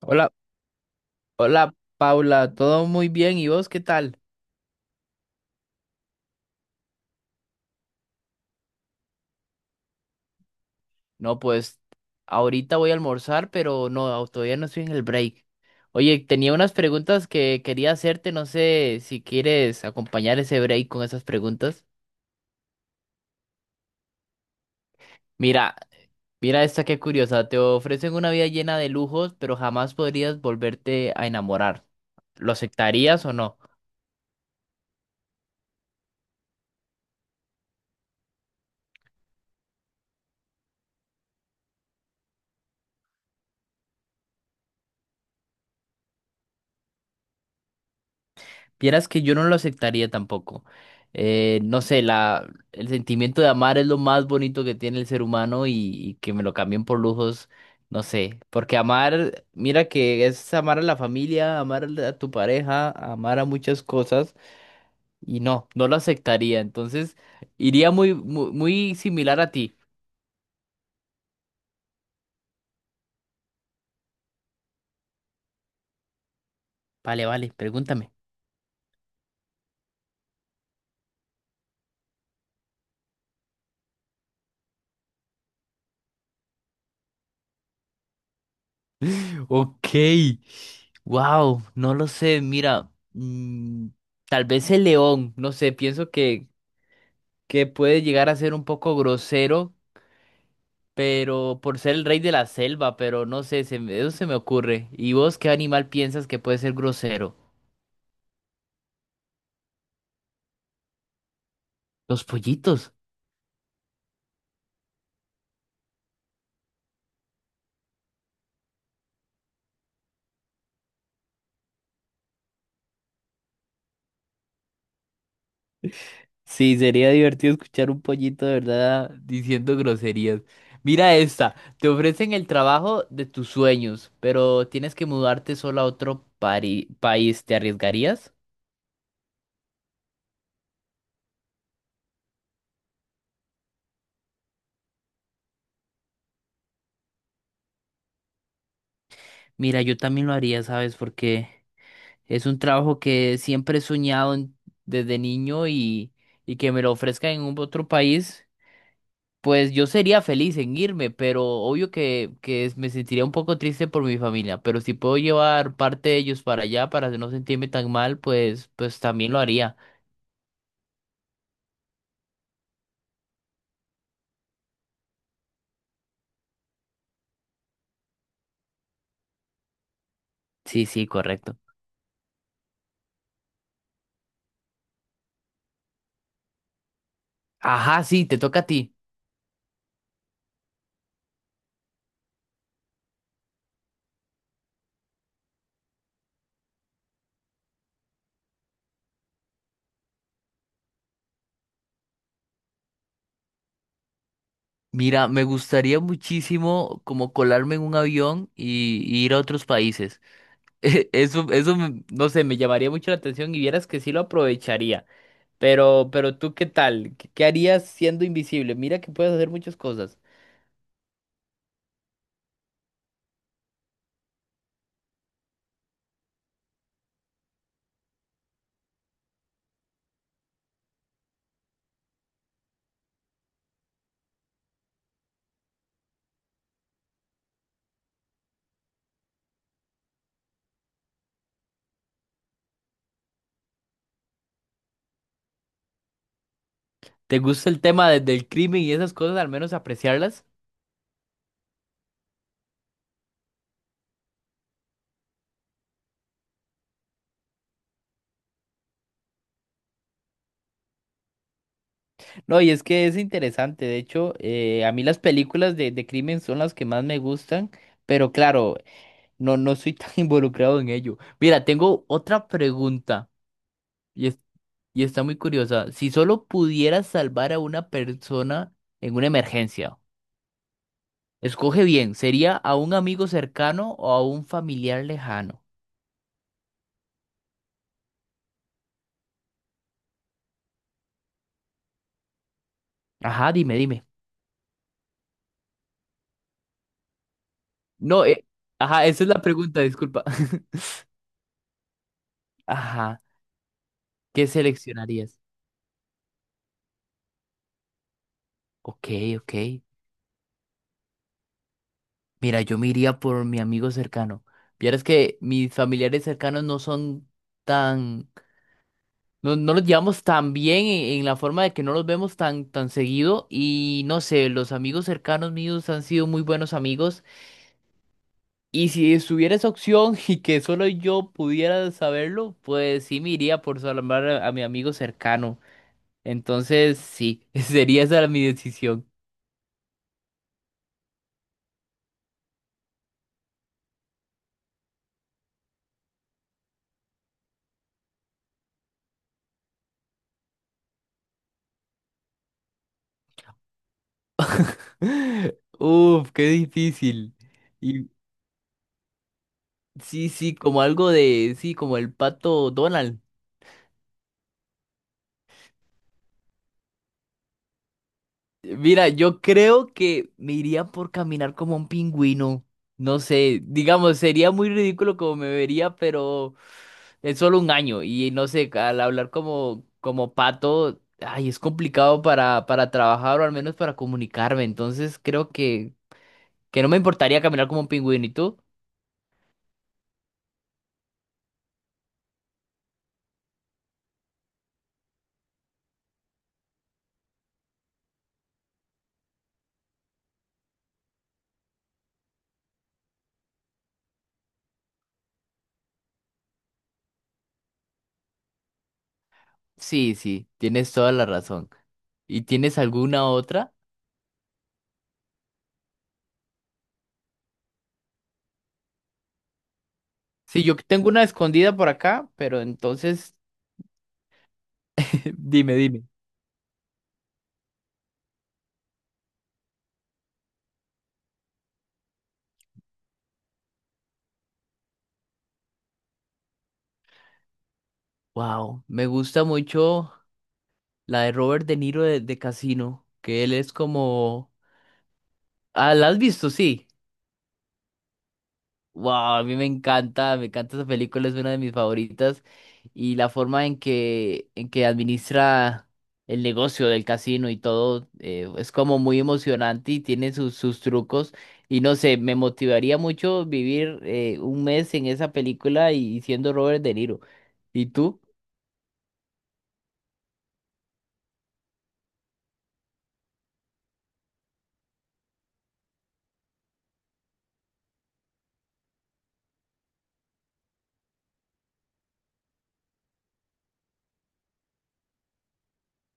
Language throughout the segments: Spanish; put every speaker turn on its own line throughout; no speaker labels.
Hola, hola Paula, todo muy bien, ¿y vos qué tal? No, pues ahorita voy a almorzar, pero no, todavía no estoy en el break. Oye, tenía unas preguntas que quería hacerte, no sé si quieres acompañar ese break con esas preguntas. Mira, mira esta qué curiosa, te ofrecen una vida llena de lujos, pero jamás podrías volverte a enamorar. ¿Lo aceptarías o no? Vieras que yo no lo aceptaría tampoco. No sé, el sentimiento de amar es lo más bonito que tiene el ser humano y que me lo cambien por lujos, no sé. Porque amar, mira que es amar a la familia, amar a tu pareja, amar a muchas cosas y no, no lo aceptaría. Entonces, iría muy, muy, muy similar a ti. Vale, vale, pregúntame. Ok, wow, no lo sé, mira, tal vez el león, no sé, pienso que puede llegar a ser un poco grosero, pero por ser el rey de la selva, pero no sé, eso se me ocurre. ¿Y vos qué animal piensas que puede ser grosero? Los pollitos. Sí, sería divertido escuchar un pollito de verdad diciendo groserías. Mira esta, te ofrecen el trabajo de tus sueños, pero tienes que mudarte solo a otro país, ¿te arriesgarías? Mira, yo también lo haría, ¿sabes por qué? Es un trabajo que siempre he soñado desde niño y que me lo ofrezcan en un otro país, pues yo sería feliz en irme, pero obvio me sentiría un poco triste por mi familia, pero si puedo llevar parte de ellos para allá para no sentirme tan mal, pues, pues también lo haría. Sí, sí, correcto. Ajá, sí, te toca a ti. Mira, me gustaría muchísimo como colarme en un avión y ir a otros países. Eso, eso, no sé, me llamaría mucho la atención y vieras que sí lo aprovecharía. Pero tú, ¿qué tal? ¿Qué harías siendo invisible? Mira que puedes hacer muchas cosas. ¿Te gusta el tema del crimen y esas cosas, al menos apreciarlas? No, y es que es interesante. De hecho, a mí las películas de crimen son las que más me gustan, pero claro, no, no soy tan involucrado en ello. Mira, tengo otra pregunta y, es- y está muy curiosa. Si solo pudieras salvar a una persona en una emergencia, escoge bien, ¿sería a un amigo cercano o a un familiar lejano? Ajá, dime, dime. No, ajá, esa es la pregunta, disculpa. Ajá, ¿qué seleccionarías? Ok, ok. Mira, yo me iría por mi amigo cercano. Vieras que mis familiares cercanos no son tan, no, no los llevamos tan bien en la forma de que no los vemos tan, tan seguido y no sé, los amigos cercanos míos han sido muy buenos amigos y si estuviera esa opción y que solo yo pudiera saberlo, pues sí me iría por salvar a mi amigo cercano. Entonces, sí, sería esa mi decisión. Uf, qué difícil. Y sí, sí, como algo de, sí, como el pato Donald. Mira, yo creo que me iría por caminar como un pingüino. No sé, digamos, sería muy ridículo como me vería, pero es solo un año. Y no sé, al hablar como, como pato, ay, es complicado para trabajar o al menos para comunicarme. Entonces creo que no me importaría caminar como un pingüino. ¿Y tú? Sí, sí, tienes toda la razón. ¿Y tienes alguna otra? Sí, yo tengo una escondida por acá, pero entonces, dime, dime. Wow, me gusta mucho la de Robert De Niro de Casino, que él es como... Ah, ¿la has visto? Sí. Wow, a mí me encanta esa película, es una de mis favoritas. Y la forma en que administra el negocio del casino y todo, es como muy emocionante y tiene sus, sus trucos. Y no sé, me motivaría mucho vivir un mes en esa película y siendo Robert De Niro. ¿Y tú?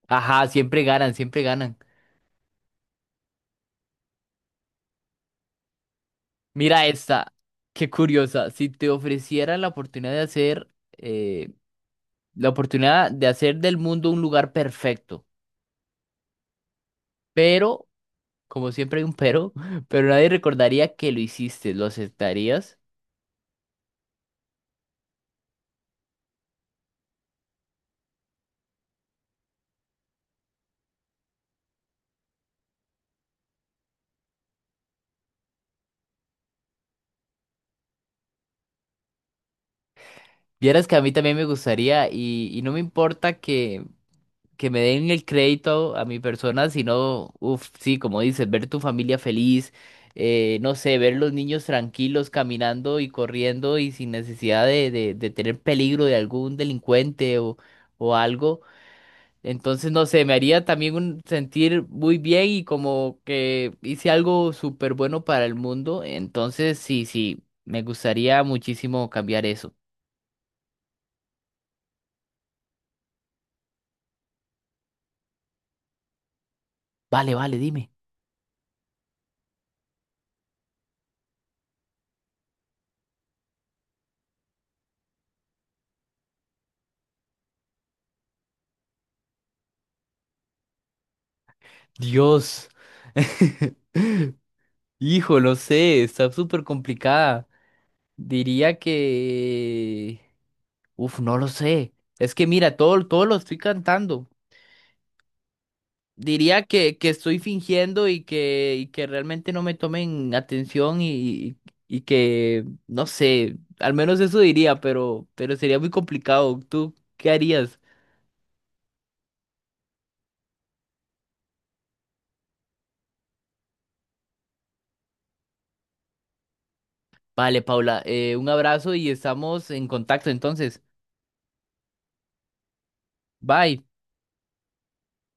Ajá, siempre ganan, siempre ganan. Mira esta, qué curiosa. Si te ofreciera la oportunidad de eh, la oportunidad de hacer del mundo un lugar perfecto. Pero, como siempre hay un pero, pero nadie recordaría que lo hiciste, ¿lo aceptarías? Vieras que a mí también me gustaría y no me importa que me den el crédito a mi persona, sino, uff, sí, como dices, ver tu familia feliz, no sé, ver los niños tranquilos caminando y corriendo y sin necesidad de tener peligro de algún delincuente o algo. Entonces, no sé, me haría también un, sentir muy bien y como que hice algo súper bueno para el mundo. Entonces, sí, sí, me gustaría muchísimo cambiar eso. Vale, vale, dime. Dios. Hijo, no sé, está súper complicada. Diría que... Uf, no lo sé. Es que mira, todo lo estoy cantando. Diría que estoy fingiendo y que realmente no me tomen atención y que, no sé, al menos eso diría, pero sería muy complicado. ¿Tú qué harías? Vale, Paula, un abrazo y estamos en contacto entonces. Bye.